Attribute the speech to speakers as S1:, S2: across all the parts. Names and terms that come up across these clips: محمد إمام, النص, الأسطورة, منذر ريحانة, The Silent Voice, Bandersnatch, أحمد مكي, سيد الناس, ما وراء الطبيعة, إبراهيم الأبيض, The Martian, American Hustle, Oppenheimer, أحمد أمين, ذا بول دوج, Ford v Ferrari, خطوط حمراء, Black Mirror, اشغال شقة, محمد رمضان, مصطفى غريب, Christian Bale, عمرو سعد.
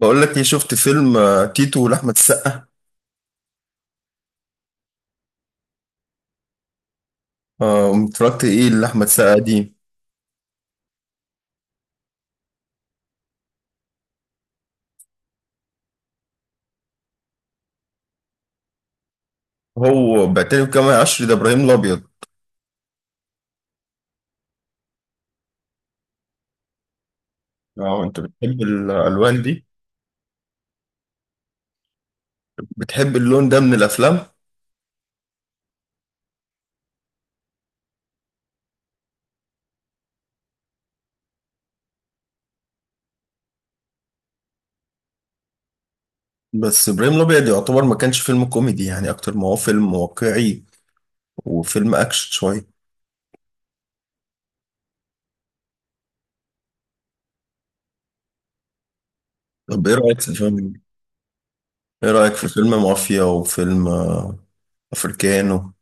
S1: بقول لك ايه، شفت فيلم تيتو لأحمد السقا؟ قمت اتفرجت ايه لأحمد السقا دي. هو بعتني بجمال عشري ده ابراهيم الابيض. اه، انت بتحب الالوان دي؟ بتحب اللون ده من الافلام؟ بس ابراهيم الابيض يعتبر ما كانش فيلم كوميدي يعني، اكتر ما هو فيلم واقعي وفيلم اكشن شويه. طب ايه رايك في فيلم، ايه رايك في فيلم مافيا وفيلم افريكانو،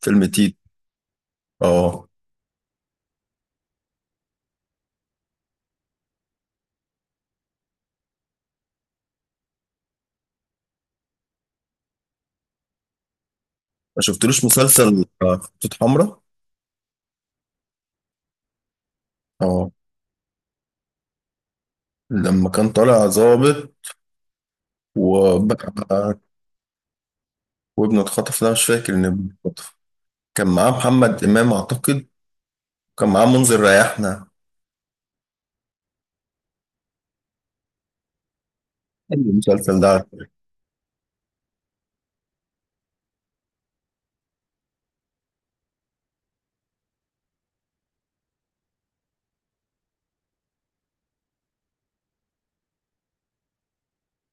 S1: فيلم تيتو؟ اه. ما شفتلوش مسلسل خطوط حمراء؟ اه، لما كان طالع ظابط وبقى. وابنه اتخطف؟ لا، مش فاكر ان ابنه اتخطف. كان معاه محمد امام اعتقد. كان معاه منذر ريحنا. حلو المسلسل ده على فكرة.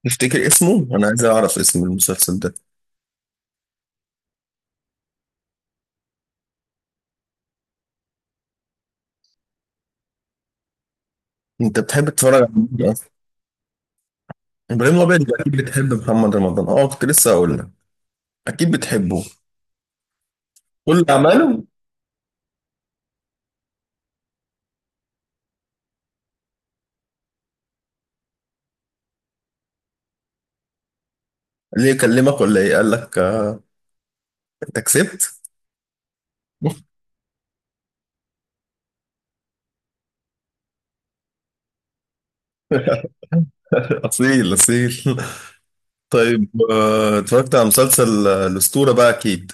S1: تفتكر اسمه؟ انا عايز اعرف اسم المسلسل ده. انت بتحب تتفرج على مين اصلا؟ ابراهيم الابيض يبقى اكيد بتحب محمد رمضان، اه كنت لسه هقول لك. اكيد بتحبه. كل اعماله. ليه يكلمك ولا ايه؟ قال لك انت كسبت؟ اصيل اصيل. طيب اتفرجت على مسلسل الاسطوره بقى اكيد؟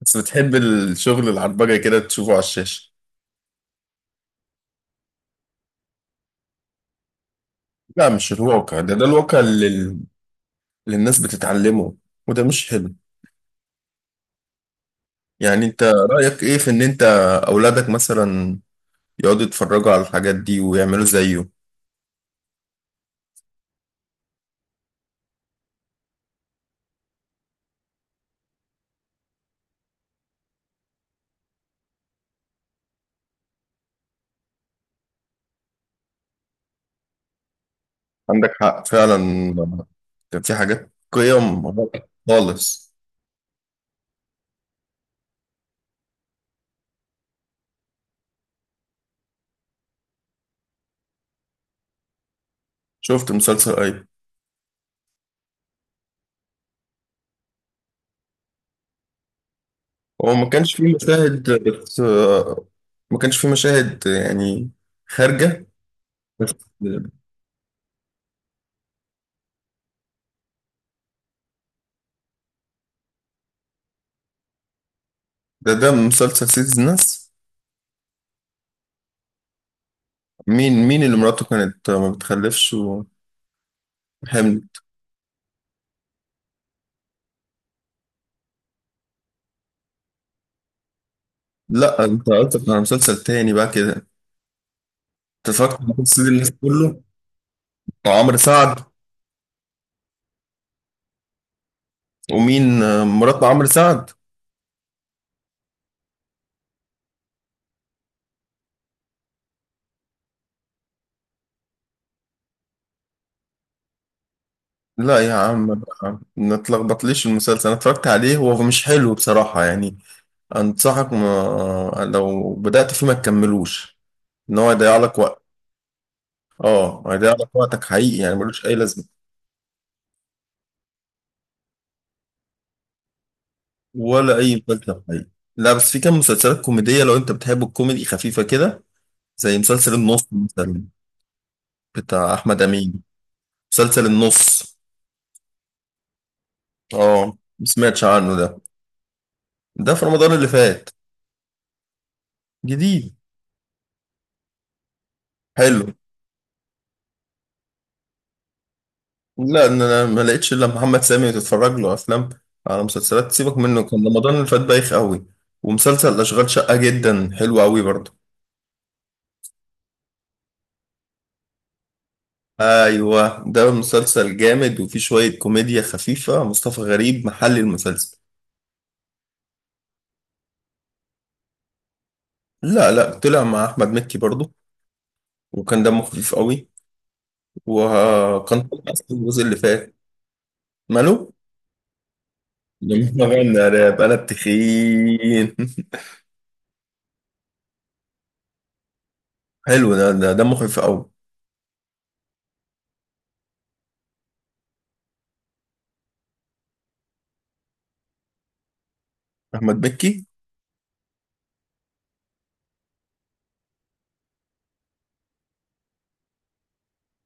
S1: بس بتحب الشغل العربجه كده تشوفه على الشاشه؟ لا، مش الواقع ده، ده الواقع اللي الناس بتتعلمه، وده مش حلو. يعني انت رأيك ايه في ان انت اولادك مثلا يقعدوا يتفرجوا على الحاجات دي ويعملوا زيه؟ عندك حق فعلا. كان في حاجات قيم غلط خالص. شفت مسلسل ايه؟ هو ما كانش فيه مشاهد بس، ما كانش فيه مشاهد يعني خارجة بس. ده مسلسل سيد الناس. مين، مين اللي مراته كانت ما بتخلفش وحمل؟ لا، انت قصدك على مسلسل تاني بقى كده انت. اتفرجت على مسلسل الناس كله؟ عمرو سعد؟ ومين مرات عمرو سعد؟ لا يا عم بقى، ما تلخبطليش المسلسل، انا اتفرجت عليه، هو مش حلو بصراحة يعني. انصحك ما لو بدأت فيه ما تكملوش، ان هو هيضيع لك وقت. اه، هيضيع لك وقتك حقيقي يعني، ملوش اي لازمة، ولا اي مسلسل حقيقي. لا بس في كام مسلسلات كوميدية لو انت بتحب الكوميدي خفيفة كده، زي مسلسل النص مثلا، بتاع احمد امين. مسلسل النص. اه. ما سمعتش عنه ده؟ ده في رمضان اللي فات. جديد. حلو. لا، ان انا ما لقيتش الا محمد سامي تتفرج له افلام على مسلسلات، سيبك منه، كان رمضان اللي فات بايخ قوي. ومسلسل اشغال شقة جدا حلو قوي برضه. ايوه، ده مسلسل جامد وفيه شوية كوميديا خفيفة، مصطفى غريب محل المسلسل. لا لا، طلع مع احمد مكي برضه وكان دمه خفيف قوي. وكان طلع أصلاً الجزء اللي فات. ماله؟ لما غنى راب انا بتخين حلو ده، ده مخيف قوي. احمد مكي.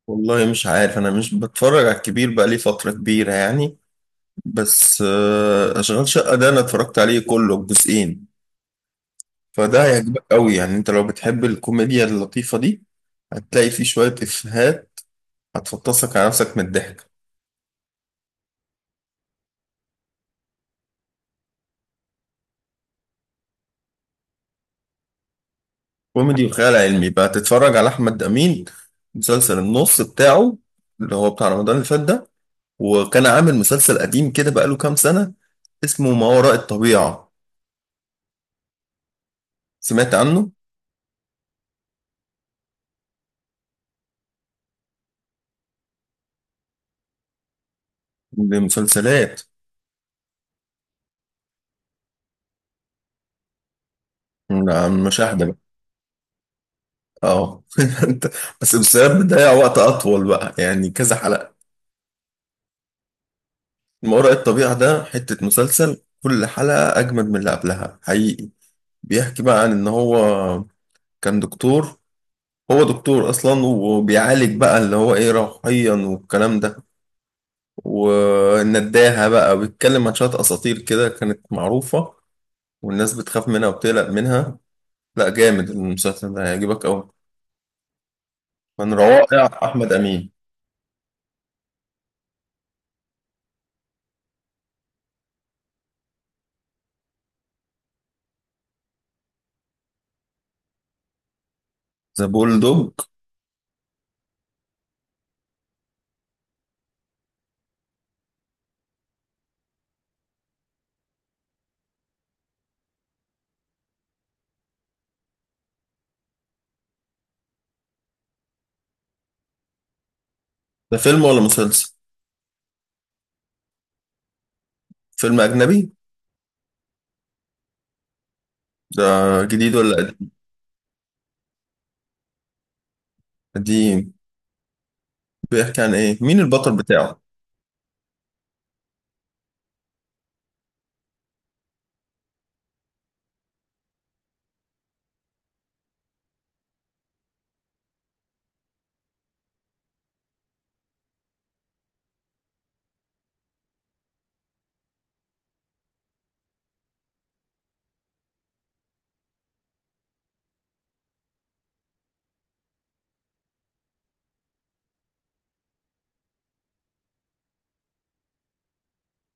S1: والله مش عارف، انا مش بتفرج على الكبير بقى لي فتره كبيره يعني. بس اشغال شقه ده انا اتفرجت عليه كله الجزئين، فده اه هيعجبك قوي يعني، انت لو بتحب الكوميديا اللطيفه دي هتلاقي فيه شويه افيهات هتفطسك على نفسك من الضحك. كوميدي وخيال علمي بقى تتفرج على احمد امين، مسلسل النص بتاعه، اللي هو بتاع رمضان اللي فات ده. وكان عامل مسلسل قديم كده بقاله كام سنه، اسمه ما وراء الطبيعه. سمعت عنه؟ دي مسلسلات. لا، مشاهدة بقى. اه انت بس المسلسلات بتضيع وقت اطول بقى يعني، كذا حلقة. ما وراء الطبيعة ده حتة مسلسل، كل حلقة اجمد من اللي قبلها حقيقي. بيحكي بقى عن ان هو كان دكتور، هو دكتور اصلا، وبيعالج بقى اللي هو ايه، روحيا والكلام ده، والنداهة بقى، بيتكلم عن شوية اساطير كده كانت معروفة والناس بتخاف منها وبتقلق منها. لا جامد المسلسل ده، هيعجبك قوي، من روائع احمد امين. ذا بول دوج ده فيلم ولا مسلسل؟ فيلم اجنبي ده؟ جديد ولا قديم؟ قديم. بيحكي عن ايه؟ مين البطل بتاعه؟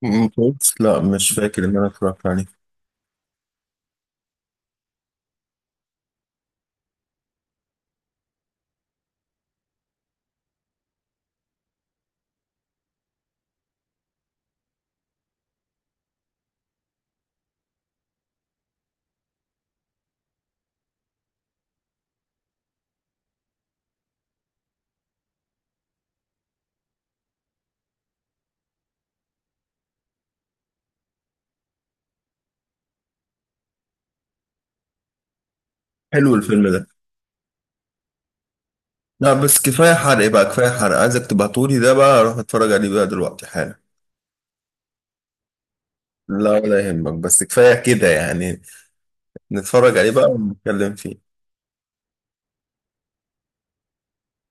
S1: م- كويس؟ لا مش فاكر ان انا اتفرجت عليه. حلو الفيلم ده. لا بس كفايه حرق، إيه بقى كفايه حرق، عايزك تبعتولي ده بقى اروح اتفرج عليه بقى دلوقتي حالا. لا ولا يهمك، بس كفايه كده يعني، نتفرج عليه بقى ونتكلم فيه.